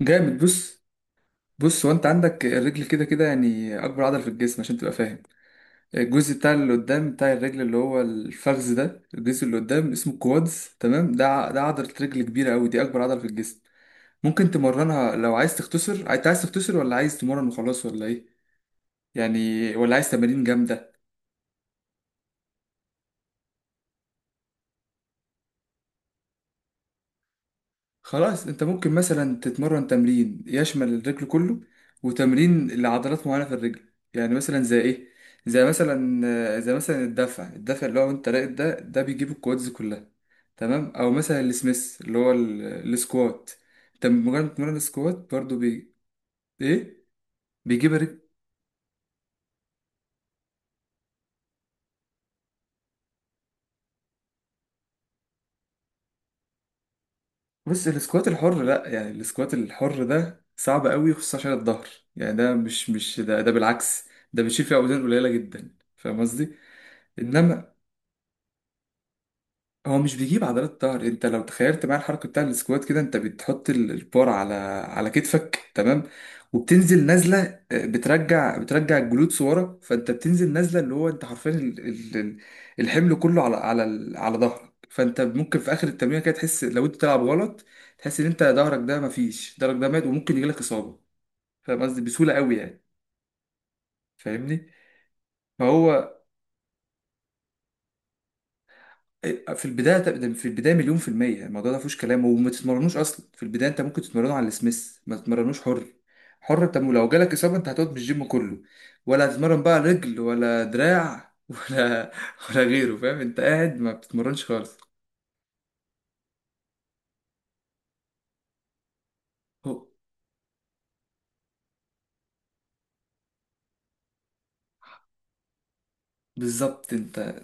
جامد. بص، هو انت عندك الرجل كده كده، يعني اكبر عضله في الجسم عشان تبقى فاهم. الجزء بتاع اللي قدام بتاع الرجل اللي هو الفخذ، ده الجزء اللي قدام اسمه كوادز، تمام؟ ده عضله رجل كبيره قوي، دي اكبر عضله في الجسم. ممكن تمرنها لو عايز تختصر. انت عايز تختصر ولا عايز تمرن وخلاص ولا ايه؟ يعني، ولا عايز تمارين جامده؟ خلاص، انت ممكن مثلا تتمرن تمرين يشمل الرجل كله، وتمرين لعضلات معينة في الرجل، يعني مثلا زي ايه؟ زي مثلا الدفع، الدفع اللي هو انت راقد، ده بيجيب الكوادز كلها. تمام؟ او مثلا السميث، السكوات. انت مجرد تمرين السكوات برضو بي ايه؟ بيجيب الرجل. بص، السكوات الحر لا، يعني السكوات الحر ده صعب قوي خصوصا عشان الظهر. يعني ده مش مش ده, ده بالعكس، ده بتشيل فيه اوزان قليلة جدا، فاهم قصدي؟ انما هو مش بيجيب عضلات الظهر. انت لو تخيلت معايا الحركه بتاع السكوات كده، انت بتحط البار على على كتفك، تمام؟ وبتنزل نازله، بترجع، بترجع الجلوتس ورا، فانت بتنزل نازله، اللي هو انت حرفيا الحمل كله على على ظهرك. فانت ممكن في اخر التمرين كده تحس لو انت بتلعب غلط، تحس ان انت ظهرك ده، مفيش، ظهرك ده مات، وممكن يجيلك اصابه. فاهم قصدي؟ بسهوله قوي يعني. فاهمني؟ فهو إيه، في البدايه ده- في البدايه مليون في الميه الموضوع ده فيهوش كلام، وما تتمرنوش اصلا. في البدايه انت ممكن تتمرنوا على السميث، ما تتمرنوش حر. حر، انت لو جالك اصابه انت هتقعد من الجيم كله. ولا هتتمرن بقى رجل ولا دراع ولا غيره. فاهم؟ انت قاعد ما بتتمرنش خالص. هو- بالظبط. انت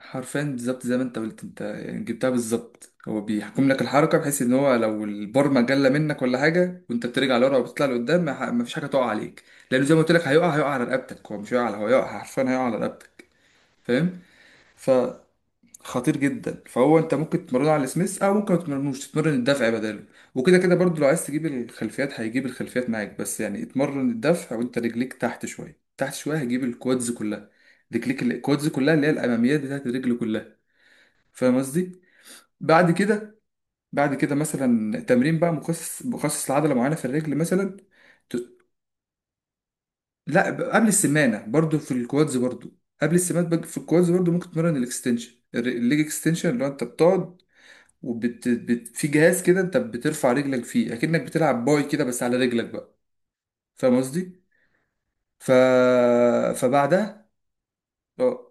حرفيا بالظبط زي ما انت قلت، انت يعني جبتها بالظبط. هو بيحكم لك الحركه، بحيث ان هو لو البرمه جله منك ولا حاجه وانت بترجع لورا وبتطلع لقدام، ما فيش حاجه تقع عليك. لانه زي ما قلت لك، هيقع، هيقع على رقبتك. هو مش هو هيقع، حرفيا هيقع على رقبتك. فاهم؟ فخطير جدا. فهو انت ممكن تمرنه على السميث، او ممكن ما تمرنوش، تتمرن الدفع بداله وكده كده. برضو لو عايز تجيب الخلفيات، هيجيب الخلفيات معاك. بس يعني اتمرن الدفع وانت رجليك تحت شويه، تحت شويه هيجيب الكوادز كلها. رجليك الكوادز كلها، اللي هي الاماميات بتاعت الرجل كلها. فاهم قصدي؟ بعد كده، بعد كده مثلا تمرين بقى مخصص، مخصص لعضله معينه في الرجل مثلا. ت- لا، قبل السمانه برضو في الكوادز برضو. قبل السمانه في الكوادز برضو ممكن تمرن الاكستنشن، الليج اكستنشن، اللي هو انت بتقعد في جهاز كده انت بترفع رجلك فيه، اكنك بتلعب باي كده بس على رجلك بقى. فاهم قصدي؟ ف، فبعدها، اه،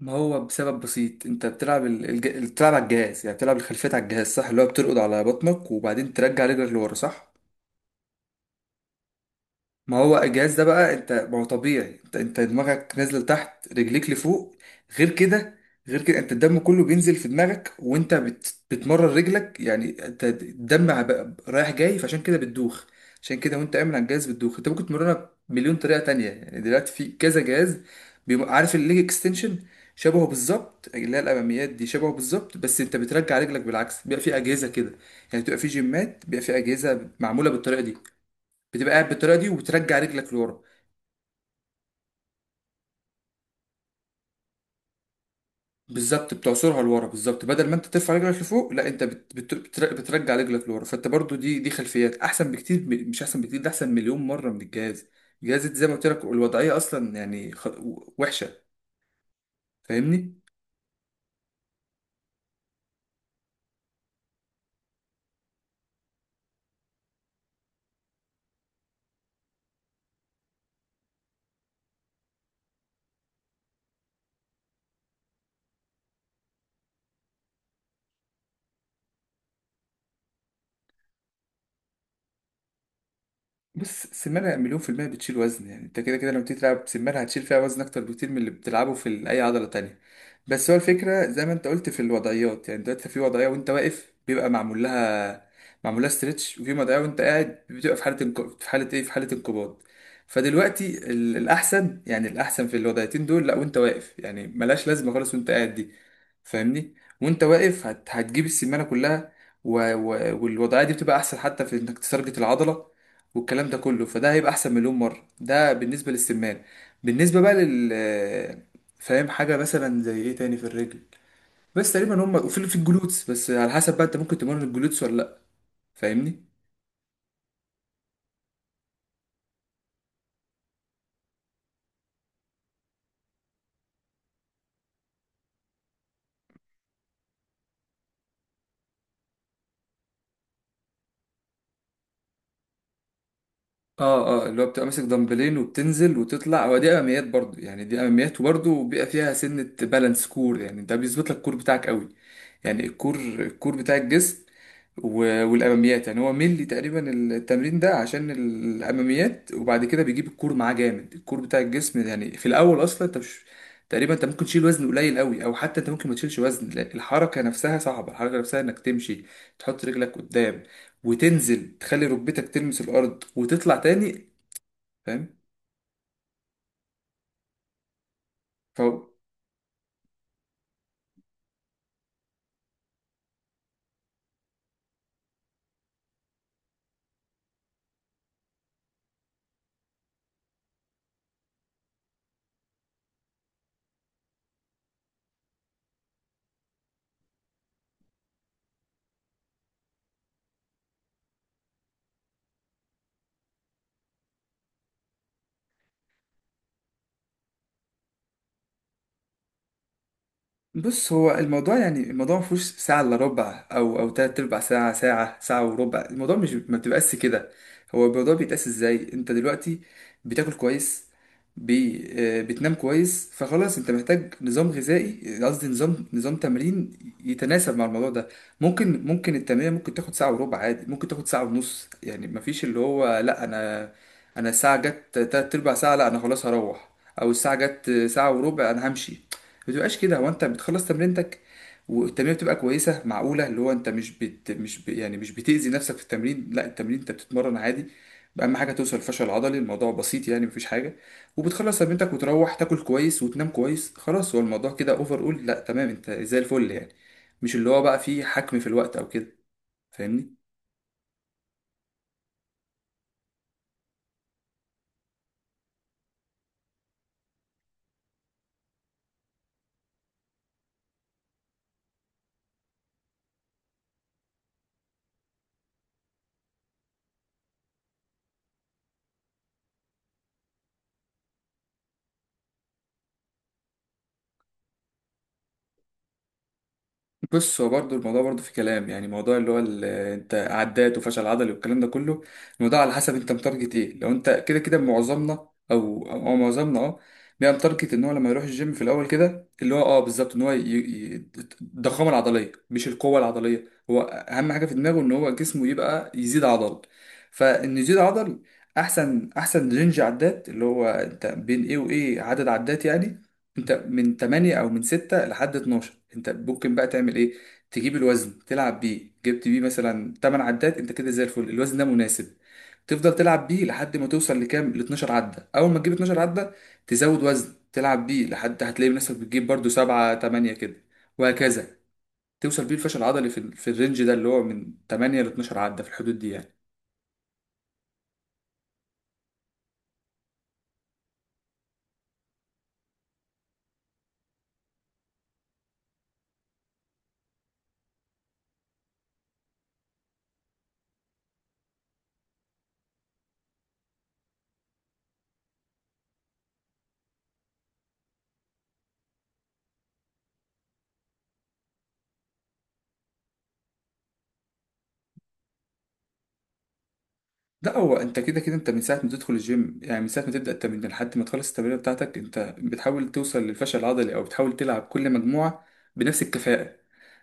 ما هو بسبب بسيط. انت بتلعب بتلعب على الجهاز، يعني بتلعب الخلفيات على الجهاز، صح؟ اللي هو بترقد على بطنك وبعدين ترجع رجلك لورا، صح؟ ما هو الجهاز ده بقى، انت ما هو طبيعي، انت دماغك نازله لتحت، رجليك لفوق. غير كده، غير كده انت الدم كله بينزل في دماغك، وانت بتمرر رجلك، يعني انت الدم رايح جاي، فعشان كده بتدوخ. عشان كده وانت قايم على الجهاز بتدوخ. انت ممكن تمرنها بمليون طريقه تانية، يعني دلوقتي في كذا جهاز. عارف الليج اكستنشن؟ شبهه بالظبط، اللي هي الاماميات دي شبهه بالظبط، بس انت بترجع رجلك بالعكس. بيبقى في اجهزه كده، يعني بتبقى في جيمات بيبقى في اجهزه معموله بالطريقه دي. بتبقى قاعد بالطريقه دي وبترجع رجلك لورا. بالظبط، بتعصرها لورا. بالظبط، بدل ما انت ترفع رجلك لفوق، لا انت بترجع رجلك لورا. فانت برضو دي خلفيات احسن بكتير، مش احسن بكتير، ده احسن مليون مره من الجهاز. الجهاز زي ما قلت لك، الوضعيه اصلا يعني وحشه. فاهمني؟ بص، السمانة مليون في المية بتشيل وزن. يعني انت كده كده لما بتيجي تلعب سمانة هتشيل فيها وزن أكتر بكتير من اللي بتلعبه في أي عضلة تانية. بس هو الفكرة زي ما انت قلت في الوضعيات. يعني دلوقتي في وضعية وانت واقف بيبقى معمول لها، معمول لها ستريتش. وفي وضعية وانت قاعد بتبقى في حالة في حالة ايه، في حالة انقباض. فدلوقتي الأحسن، يعني الأحسن في الوضعيتين دول، لا وانت واقف، يعني ملهاش لازمة خالص وانت قاعد دي. فاهمني؟ وانت واقف هتجيب السمانة كلها، و... و... والوضعية دي بتبقى أحسن حتى في انك تسرجة العضلة والكلام ده كله. فده هيبقى احسن مليون مره. ده بالنسبه للسمان. بالنسبه بقى فاهم حاجه مثلا زي ايه تاني في الرجل؟ بس تقريبا هم. وفي في الجلوتس، بس على حسب بقى، انت ممكن تمرن الجلوتس ولا لا. فاهمني؟ اه اه، اللي هو بتبقى ماسك دمبلين وبتنزل وتطلع، هو دي اماميات برضو. يعني دي اماميات، وبرضو بيبقى فيها سنه بالانس كور، يعني ده بيظبط لك الكور بتاعك قوي. يعني الكور، الكور بتاع الجسم. والاماميات، يعني هو ملي تقريبا التمرين ده عشان الاماميات، وبعد كده بيجيب الكور معاه جامد، الكور بتاع الجسم ده. يعني في الاول اصلا انت مش، تقريبا انت ممكن تشيل وزن قليل قوي، او حتى انت ممكن ما تشيلش وزن، لا، الحركه نفسها صعبه، الحركه نفسها انك تمشي، تحط رجلك قدام، وتنزل تخلي ركبتك تلمس الارض وتطلع تاني. فاهم؟ بص، هو الموضوع، يعني الموضوع ما فيهوش ساعة الا ربع او تلات ارباع ساعة، ساعة، ساعة وربع. الموضوع مش، ما بتبقاش كده. هو الموضوع بيتقاس ازاي؟ انت دلوقتي بتاكل كويس، بي، آه، بتنام كويس، فخلاص انت محتاج نظام غذائي، قصدي نظام، نظام تمرين يتناسب مع الموضوع ده. ممكن التمرين ممكن تاخد ساعة وربع عادي، ممكن تاخد ساعة ونص. يعني ما فيش اللي هو لا انا، انا الساعة جت تلات ارباع ساعة لا انا خلاص هروح، او الساعة جت ساعة وربع انا همشي. ما بتبقاش كده. هو انت بتخلص تمرينتك، والتمرين بتبقى كويسه معقوله، اللي هو انت مش بت... مش ب... يعني مش بتاذي نفسك في التمرين، لا التمرين انت بتتمرن عادي. اهم حاجه توصل للفشل العضلي. الموضوع بسيط يعني، مفيش حاجه، وبتخلص تمرينتك وتروح تاكل كويس وتنام كويس خلاص. هو الموضوع كده اوفر اول، لا تمام، انت زي الفل يعني. مش اللي هو بقى فيه حكم في الوقت او كده. فاهمني؟ بص، هو برضه الموضوع برضه في كلام. يعني موضوع اللي هو انت عدات وفشل عضلي والكلام ده كله، الموضوع على حسب انت متارجت ايه. لو انت كده كده معظمنا، او معظمنا، اه، بيبقى متارجت ان هو لما يروح الجيم في الاول كده، اللي هو اه بالظبط، ان هو ي- الضخامه العضليه مش القوه العضليه. هو اهم حاجه في دماغه ان هو جسمه يبقى يزيد عضل. فان يزيد عضل، احسن، احسن رينج عدات اللي هو انت بين ايه وايه عدد عدات يعني، انت من 8 او من 6 لحد 12. انت ممكن بقى تعمل ايه، تجيب الوزن تلعب بيه، جبت بيه مثلا 8 عدات، انت كده زي الفل، الوزن ده مناسب. تفضل تلعب بيه لحد ما توصل لكام، ل 12 عده. اول ما تجيب 12 عده تزود وزن، تلعب بيه لحد هتلاقي نفسك بتجيب برضو 7، 8 كده. وهكذا، توصل بيه الفشل العضلي في في الرينج ده اللي هو من 8 ل 12 عده، في الحدود دي يعني. لا هو انت كده كده، انت من ساعه ما تدخل الجيم، يعني من ساعه ما تبدا التمرين لحد ما تخلص التمرين بتاعتك، انت بتحاول توصل للفشل العضلي، او بتحاول تلعب كل مجموعه بنفس الكفاءه.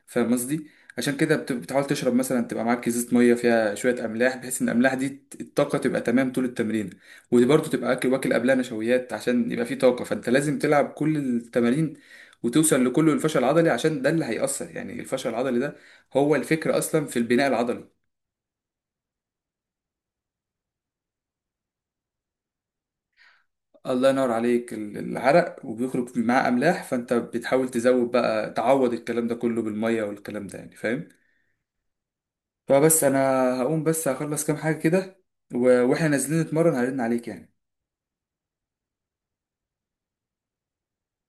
فاهم قصدي؟ عشان كده بتحاول تشرب مثلا، تبقى معاك ازازه ميه فيها شويه املاح، بحيث ان الاملاح دي الطاقه تبقى تمام طول التمرين. وبرضه تبقى اكل، واكل قبلها نشويات عشان يبقى فيه طاقه. فانت لازم تلعب كل التمارين وتوصل لكله الفشل العضلي، عشان ده اللي هيأثر، يعني الفشل العضلي ده هو الفكرة أصلا في البناء العضلي. الله ينور عليك. العرق وبيخرج معاه املاح، فانت بتحاول تزود بقى، تعوض الكلام ده كله بالميه والكلام ده، يعني فاهم. فبس انا هقوم، بس هخلص كام حاجه كده. واحنا نازلين نتمرن هرن عليك يعني.